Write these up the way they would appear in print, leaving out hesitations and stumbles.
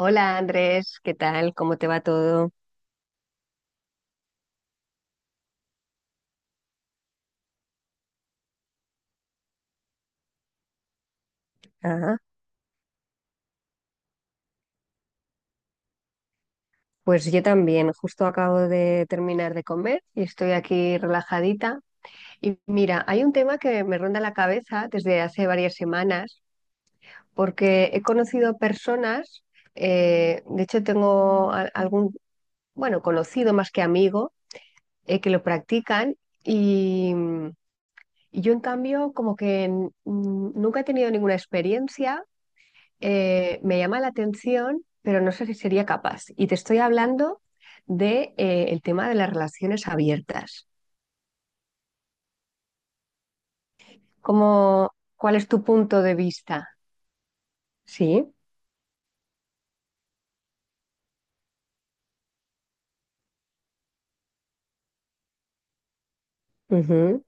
Hola Andrés, ¿qué tal? ¿Cómo te va todo? Ah, pues yo también, justo acabo de terminar de comer y estoy aquí relajadita. Y mira, hay un tema que me ronda la cabeza desde hace varias semanas, porque he conocido personas, de hecho tengo algún, bueno, conocido más que amigo, que lo practican y, y yo en cambio como que, nunca he tenido ninguna experiencia me llama la atención, pero no sé si sería capaz. Y te estoy hablando de el tema de las relaciones abiertas. ¿Cómo? ¿Cuál es tu punto de vista? Sí. Ujú.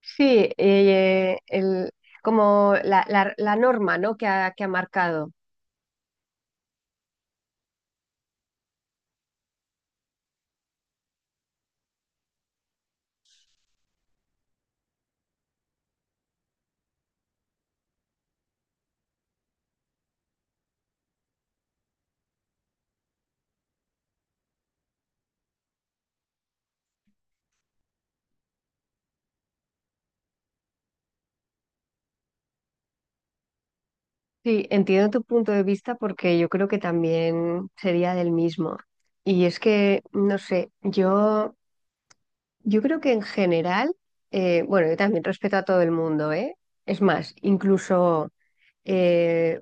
Sí, como la norma, ¿no? Que ha marcado. Sí, entiendo tu punto de vista porque yo creo que también sería del mismo. Y es que, no sé, yo creo que en general, bueno, yo también respeto a todo el mundo, ¿eh? Es más, incluso eh,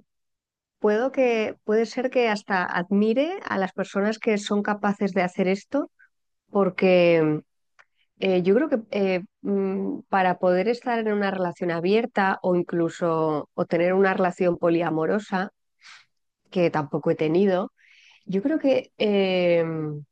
puede ser que hasta admire a las personas que son capaces de hacer esto, porque yo creo que para poder estar en una relación abierta o incluso o tener una relación poliamorosa, que tampoco he tenido, yo creo que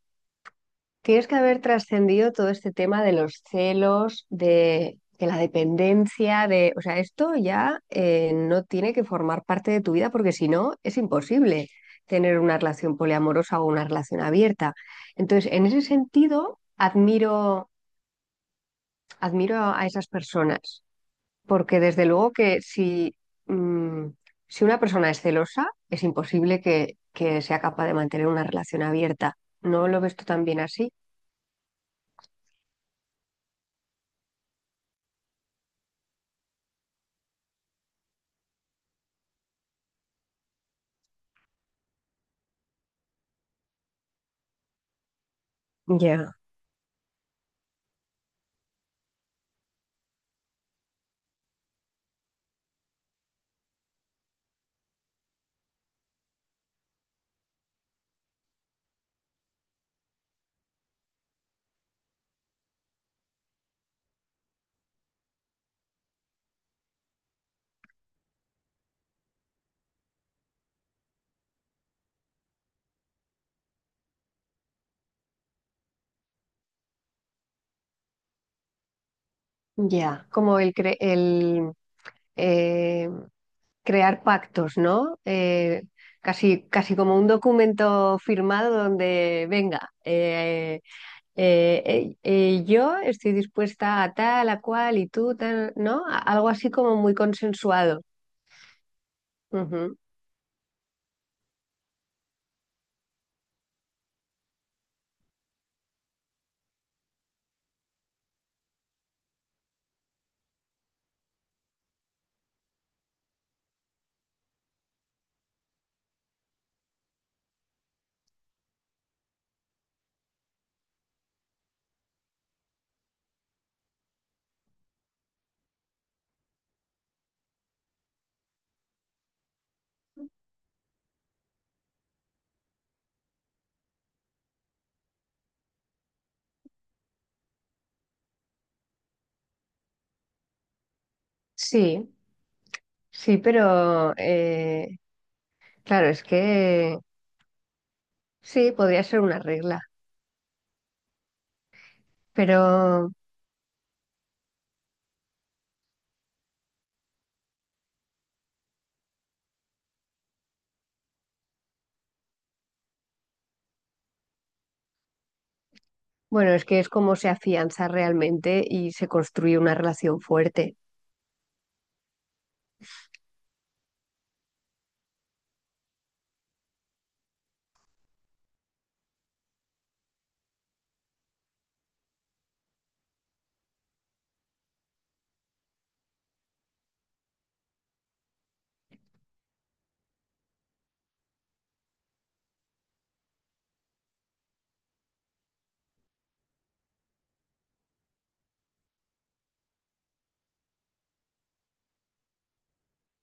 tienes que haber trascendido todo este tema de los celos, de la dependencia, de, o sea, esto ya no tiene que formar parte de tu vida porque si no es imposible tener una relación poliamorosa o una relación abierta. Entonces, en ese sentido, admiro a esas personas porque desde luego que si, mm, si una persona es celosa, es imposible que sea capaz de mantener una relación abierta. ¿No lo ves tú también así? Ya. Ya, como el, cre- el eh, crear pactos, ¿no? Casi, casi como un documento firmado donde, venga, yo estoy dispuesta a tal, a cual y tú, tal, ¿no? Algo así como muy consensuado. Ujú. Sí, sí, pero claro, es que sí, podría ser una regla, pero bueno, es que es como se afianza realmente y se construye una relación fuerte.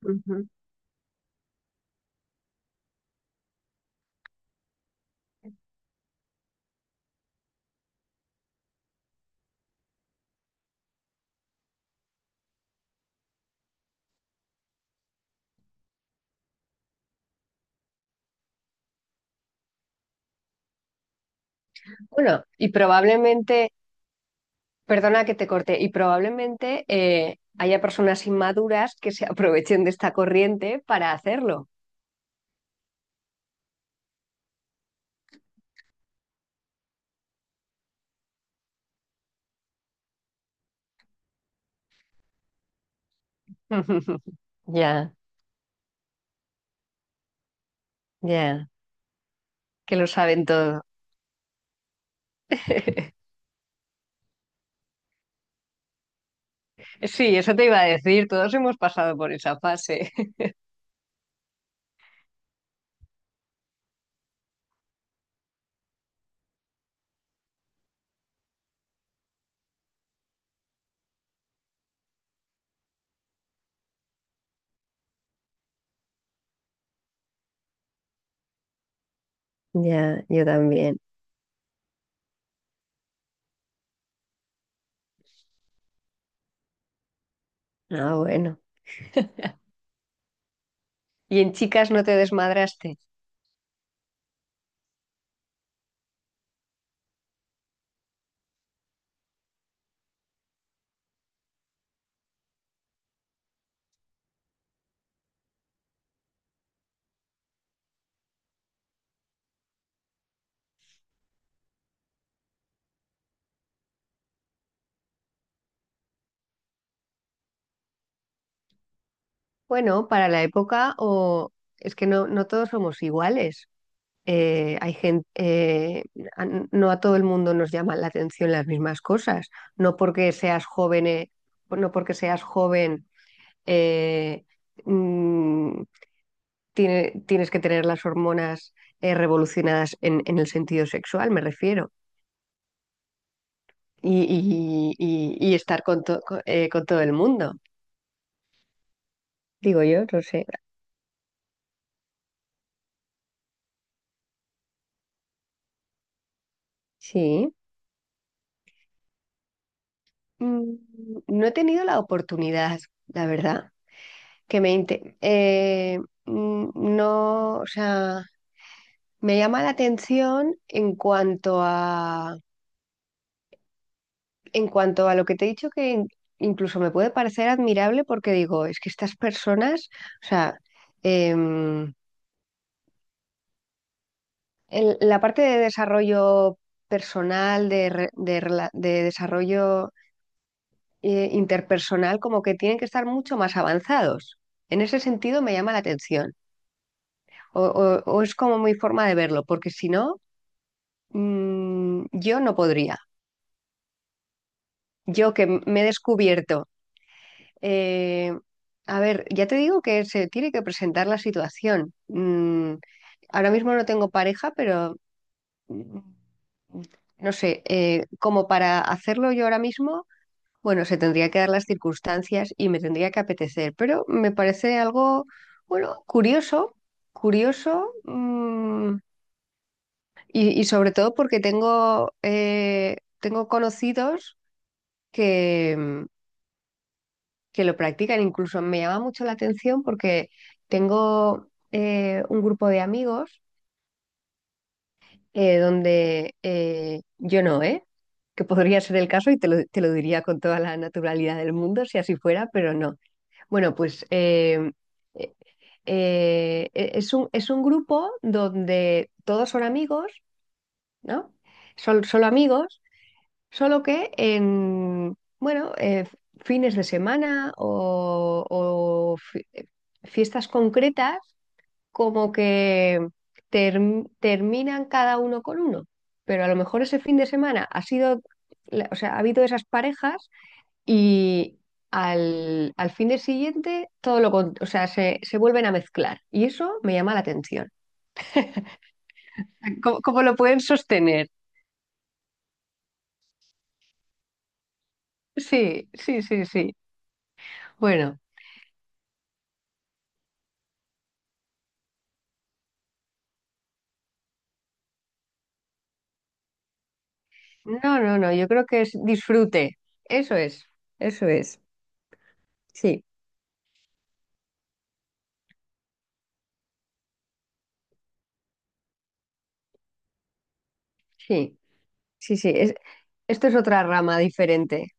Ujú. Bueno, y probablemente, perdona que te corte, y probablemente haya personas inmaduras que se aprovechen de esta corriente para hacerlo. Ya, ya, que lo saben todo. Sí, eso te iba a decir, todos hemos pasado por esa fase. Ya, yo también. Ah, bueno. ¿Y en chicas no te desmadraste? Bueno, para la época, o es que no, no todos somos iguales. Hay gente, no a todo el mundo nos llaman la atención las mismas cosas. No porque seas joven, no porque seas joven, eh, mm, tienes que tener las hormonas revolucionadas en el sentido sexual, me refiero. Y, y estar con, con todo el mundo. Digo yo, no sé. Sí. Mm, no he tenido la oportunidad, la verdad, que me inte- mm, no, o sea, me llama la atención en cuanto a lo que te he dicho incluso me puede parecer admirable porque digo, es que estas personas, o sea, em, la parte de desarrollo personal, de, re- de rela- de desarrollo interpersonal, como que tienen que estar mucho más avanzados. En ese sentido me llama la atención. O es como mi forma de verlo, porque si no, yo no podría. Yo que me he descubierto. eh, a ver, ya te digo que se tiene que presentar la situación. Ahora mismo no tengo pareja, pero mm, no sé, como para hacerlo yo ahora mismo, bueno, se tendría que dar las circunstancias y me tendría que apetecer, pero me parece algo, bueno, curioso, curioso. Y sobre todo porque tengo, tengo conocidos que, mm, que lo practican. Incluso me llama mucho la atención porque tengo un grupo de amigos donde yo no, ¿eh? Que podría ser el caso y te lo diría con toda la naturalidad del mundo si así fuera, pero no. Bueno, pues eh, e, es un grupo donde todos son amigos, ¿no? Son solo amigos. Solo que en, bueno, fines de semana o, fiestas concretas, como que terminan cada uno con uno. Pero a lo mejor ese fin de semana ha sido, o sea, ha habido esas parejas y al, al fin de siguiente o sea, se vuelven a mezclar. Y eso me llama la atención. ¿Cómo, cómo lo pueden sostener? Sí, sí, sí, sí. Bueno. No, no, no, yo creo que es disfrute. Eso es, eso es. Sí, sí, sí, sí. Es, esto es otra rama diferente.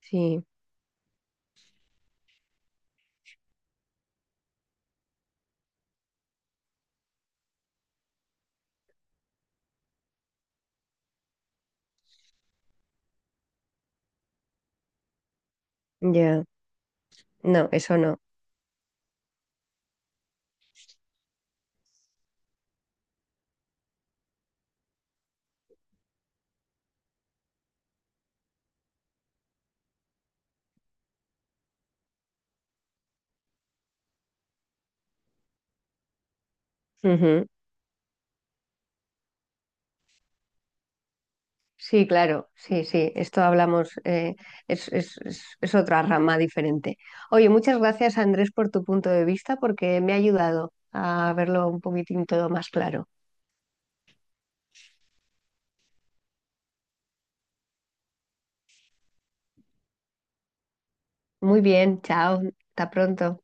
Sí, ya. No, eso no. Ujú. Sí, claro, sí, sí. Esto hablamos, es otra rama diferente. Oye, muchas gracias, Andrés, por tu punto de vista, porque me ha ayudado a verlo un poquitín todo más claro. Muy bien, chao, hasta pronto.